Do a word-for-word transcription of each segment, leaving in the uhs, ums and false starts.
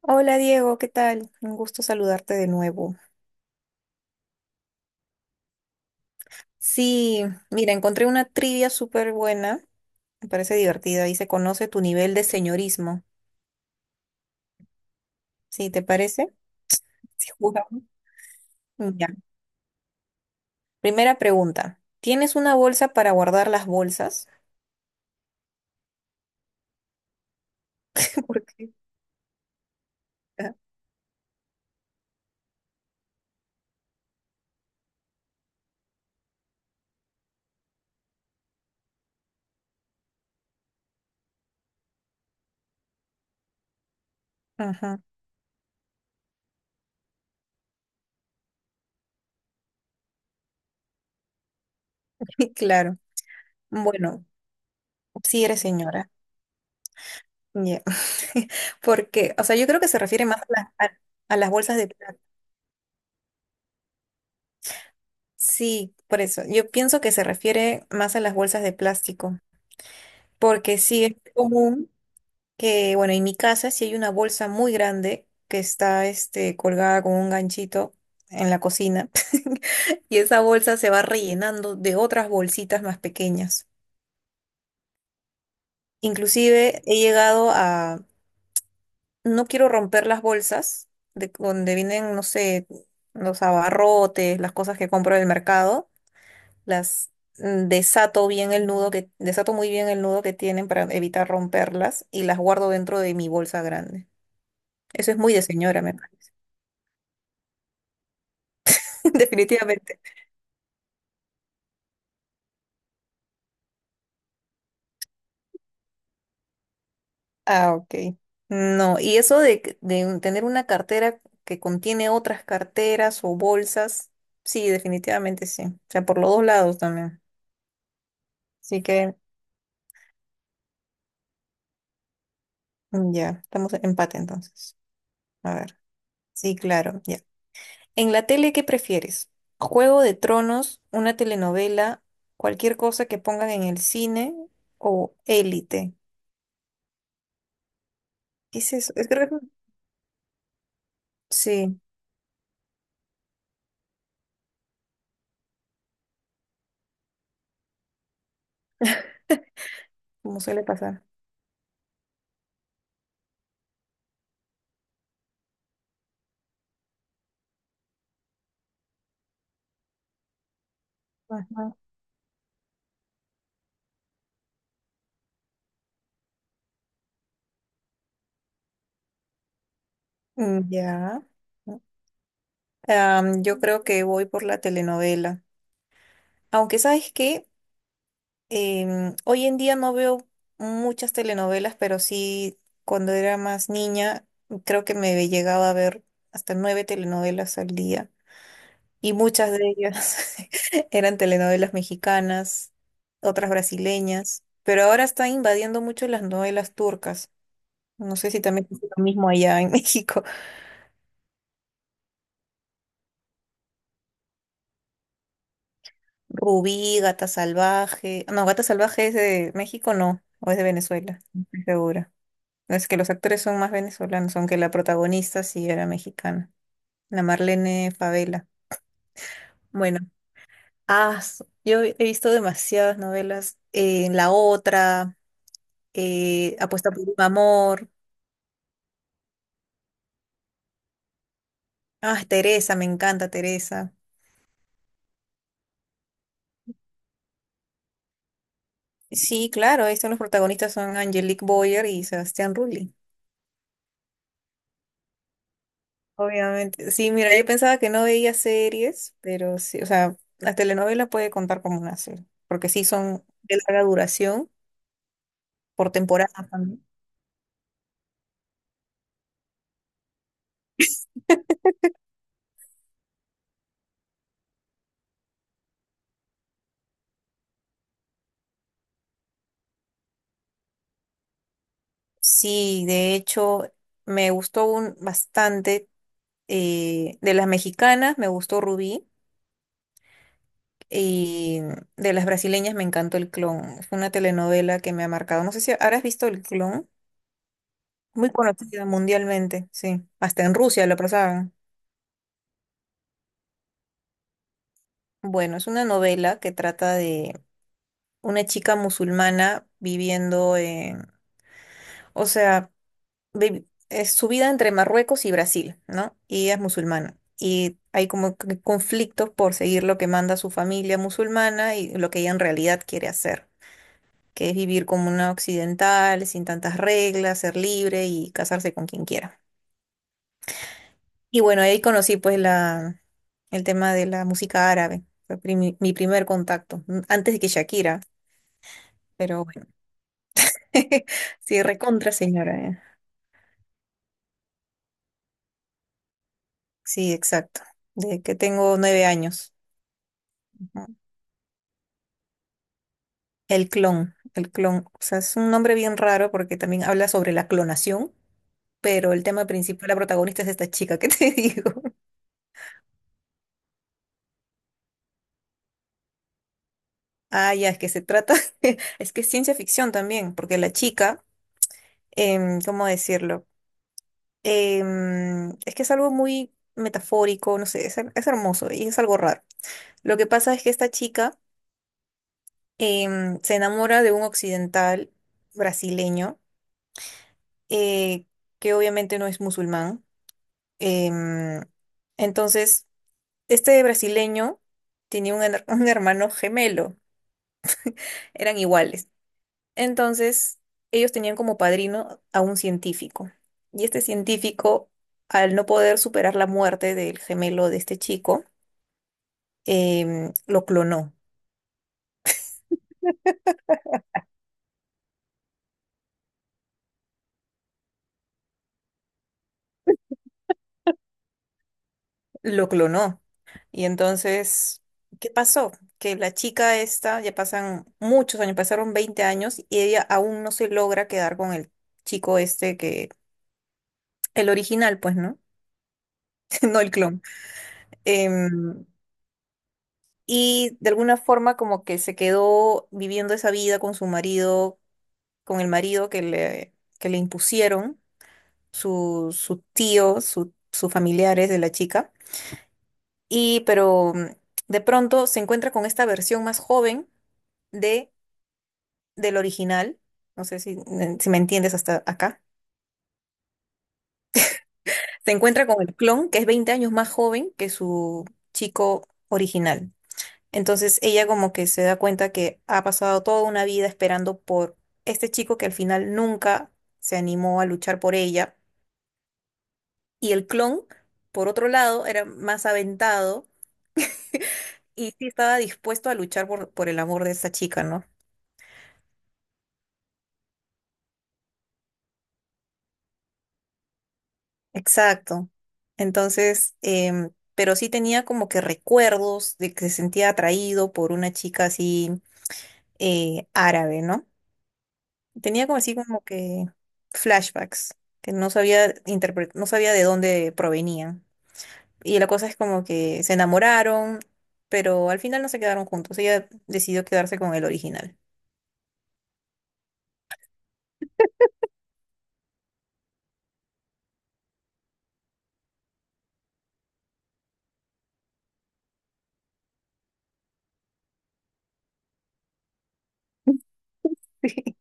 Hola Diego, ¿qué tal? Un gusto saludarte de nuevo. Sí, mira, encontré una trivia súper buena, me parece divertida y se conoce tu nivel de señorismo. ¿Sí, te parece? Sí, jugamos. Ya. Primera pregunta. ¿Tienes una bolsa para guardar las bolsas? ¿Por qué? Ajá, claro. Bueno, sí eres señora. Ya. Porque, o sea, yo creo que se refiere más a, la- a- a las bolsas de plástico. Sí, por eso. Yo pienso que se refiere más a las bolsas de plástico. Porque sí es común que, bueno, en mi casa sí hay una bolsa muy grande que está este, colgada con un ganchito en la cocina y esa bolsa se va rellenando de otras bolsitas más pequeñas. Inclusive he llegado a, no quiero romper las bolsas de donde vienen, no sé, los abarrotes, las cosas que compro del mercado, las mm, desato bien el nudo que, desato muy bien el nudo que tienen para evitar romperlas y las guardo dentro de mi bolsa grande. Eso es muy de señora, me parece. Definitivamente. Ah, ok. No, y eso de, que- de un- tener una cartera que contiene otras carteras o bolsas, sí, definitivamente sí. O sea, por los dos lados también. Así que mm, ya, estamos en empate entonces. A ver. Sí, claro, ya. En la tele, ¿qué prefieres? ¿Juego de Tronos, una telenovela, cualquier cosa que pongan en el cine o Élite? ¿Qué es eso? Es creo que sí, como suele pasar. Mm, ya. Am, yo creo que voy por la telenovela. Aunque sabes que hoy en día no veo muchas telenovelas, pero sí cuando era más niña creo que me llegaba a ver hasta nueve telenovelas al día. Y muchas de ellas eran telenovelas mexicanas, otras brasileñas. Pero ahora están invadiendo mucho las novelas turcas. No sé si también es lo mismo allá en México. Rubí, Gata Salvaje. No, Gata Salvaje es de México, no, o es de Venezuela, no estoy segura. Es que los actores son más venezolanos, aunque la protagonista sí era mexicana, la Marlene Favela. Bueno, ah, s- yo he visto demasiadas novelas. eh, La Otra, eh, Apuesta por un amor. Ah, Teresa, me encanta Teresa. Sí, claro, ahí son los protagonistas, son Angelique Boyer y Sebastián Rulli. Obviamente. Sí, mira, yo pensaba que no veía series, pero sí, o sea, las telenovelas puede contar como una serie, porque sí son de larga duración, por temporada también. Sí, de hecho, me gustó un, bastante, eh, de las mexicanas me gustó Rubí, y de las brasileñas me encantó El Clon. Fue una telenovela que me ha marcado. No sé si habrás visto El Clon, muy conocida mundialmente, sí. Hasta en Rusia lo pasaban. Bueno, es una novela que trata de una chica musulmana viviendo en, o sea, vivi- es su vida entre Marruecos y Brasil, ¿no? Y ella es musulmana. Y hay como que conflictos por seguir lo que manda su familia musulmana y lo que ella en realidad quiere hacer, que es vivir como una occidental, sin tantas reglas, ser libre y casarse con quien quiera. Y bueno, ahí conocí pues la, el tema de la música árabe. Fue primi- mi primer contacto, antes de que Shakira, pero bueno, sí, recontra señora. ¿Eh? Sí, exacto. De que tengo nueve años. Ujú. El clon, el clon. O sea, es un nombre bien raro porque también habla sobre la clonación, pero el tema principal, la protagonista es esta chica que te digo. Ah, ya, es que se trata, es que es ciencia ficción también, porque la chica, em, ¿cómo decirlo? Em, es que es algo muy metafórico, no sé, es, her- es hermoso y es algo raro. Lo que pasa es que esta chica em, se enamora de un occidental brasileño eh, que obviamente no es musulmán. Em, entonces, este brasileño tenía un, her- un hermano gemelo, eran iguales. Entonces, ellos tenían como padrino a un científico. Y este científico, al no poder superar la muerte del gemelo de este chico, em, lo clonó. Lo clonó. Y entonces, ¿qué pasó? Que la chica esta, ya pasan muchos años, pasaron veinte años y ella aún no se logra quedar con el chico este que, el original, pues, ¿no? No el clon. Em, y de alguna forma como que se quedó viviendo esa vida con su marido, con el marido que le, que le impusieron su, su tío, su- sus familiares de la chica. Y pero mm, de pronto se encuentra con esta versión más joven, de del original. No sé si, eh, si me entiendes hasta acá, se encuentra con el clon que es veinte años más joven que su chico original. Entonces ella como que se da cuenta que ha pasado toda una vida esperando por este chico que al final nunca se animó a luchar por ella. Y el clon, por otro lado, era más aventado y sí estaba dispuesto a luchar por, por el amor de esta chica, ¿no? Exacto. Entonces, em, pero sí tenía como que recuerdos de que se sentía atraído por una chica así eh, árabe, ¿no? Tenía como así como que flashbacks que no sabía interpre- no sabía de dónde provenían. Y la cosa es como que se enamoraron, pero al final no se quedaron juntos. Ella decidió quedarse con el original.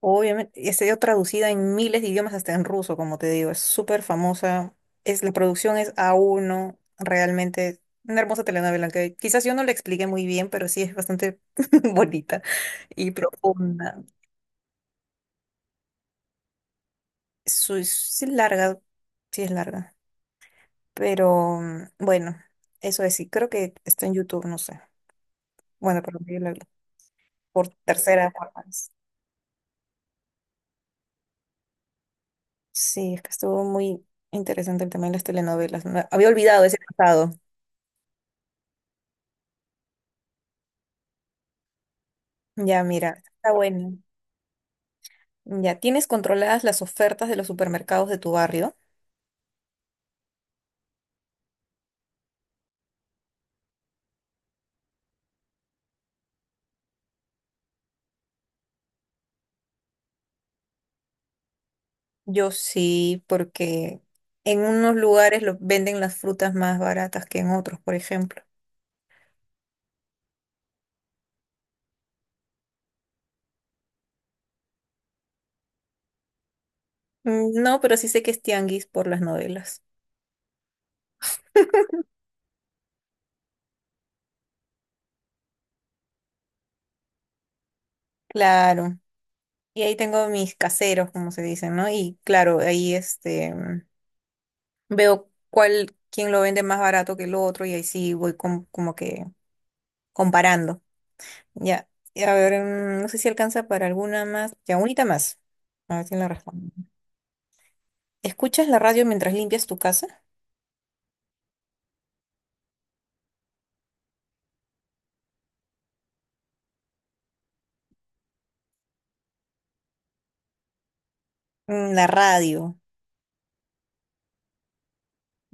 Obviamente, y ha sido traducida en miles de idiomas, hasta en ruso, como te digo, es súper famosa. Es, la producción es a uno realmente una hermosa telenovela que quizás yo no la expliqué muy bien, pero sí es bastante bonita y profunda. Su- es- Sí es larga, sí es larga, pero mm, bueno, eso es, sí, creo que está en YouTube, no sé. Bueno, pero yo la vi por tercera vez. Sí, es que estuvo muy interesante el tema de las telenovelas. no- Había olvidado ese pasado. Ya, mira, está bueno. Ya, ¿tienes controladas las ofertas de los supermercados de tu barrio? Yo sí, porque en unos lugares lo- venden las frutas más baratas que en otros, por ejemplo. Mm, no, pero sí sé que es tianguis por las novelas. Claro. Y ahí tengo mis caseros, como se dicen, ¿no? Y claro, ahí este mm, veo cuál, quién lo vende más barato que el otro, y ahí sí voy com- como que comparando. Ya, y a ver, mm, no sé si alcanza para alguna más. Ya, unita más. A ver si la respondo. ¿Escuchas la radio mientras limpias tu casa? Mm, La radio.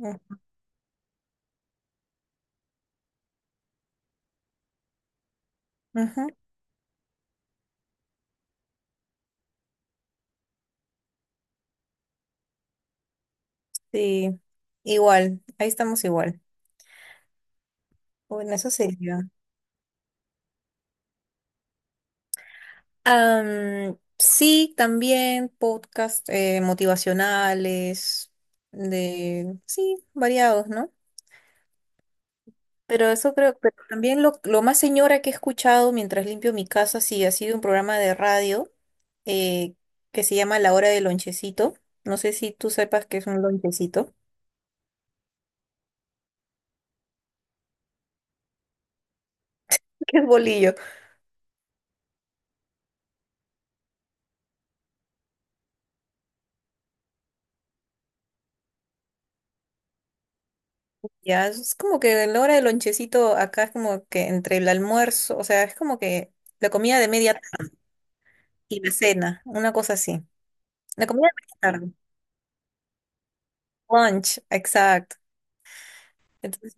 Mm, ujú, sí, igual, ahí estamos igual. Bueno, eso sería. Am, sí, también podcast eh, motivacionales, de, sí, variados, ¿no? Pero eso creo, pero también lo, lo más señora que he escuchado mientras limpio mi casa, sí, ha sido un programa de radio eh, que se llama La Hora del Lonchecito. No sé si tú sepas qué es un lonchecito. ¿Qué es bolillo? Ya, es como que en la hora del lonchecito acá es como que entre el almuerzo, o sea, es como que la comida de media tarde y la cena, una cosa así. La comida de media tarde. Lunch, exacto. Entonces,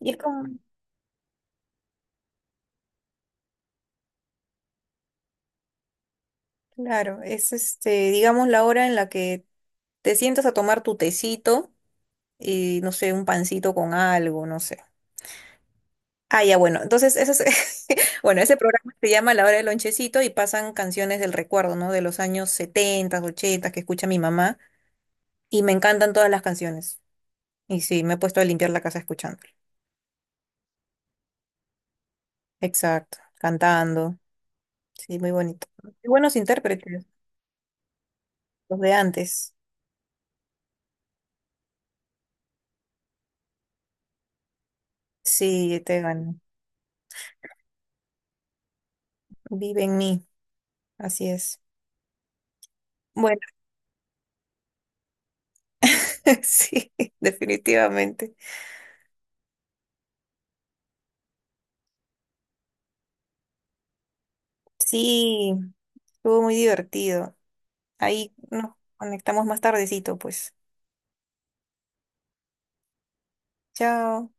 y es como, claro, es este, digamos, la hora en la que te sientas a tomar tu tecito y no sé, un pancito con algo, no sé. Ah, ya, bueno, entonces ese es- bueno, ese programa se llama La Hora del Lonchecito y pasan canciones del recuerdo, ¿no? De los años setenta, ochenta que escucha mi mamá y me encantan todas las canciones. Y sí, me he puesto a limpiar la casa escuchando. Exacto, cantando. Sí, muy bonito. Y buenos intérpretes, los de antes. Sí, te ganan. Vive en mí, así es. Bueno, sí, definitivamente. Sí, estuvo muy divertido. Ahí nos conectamos más tardecito, pues. Chao.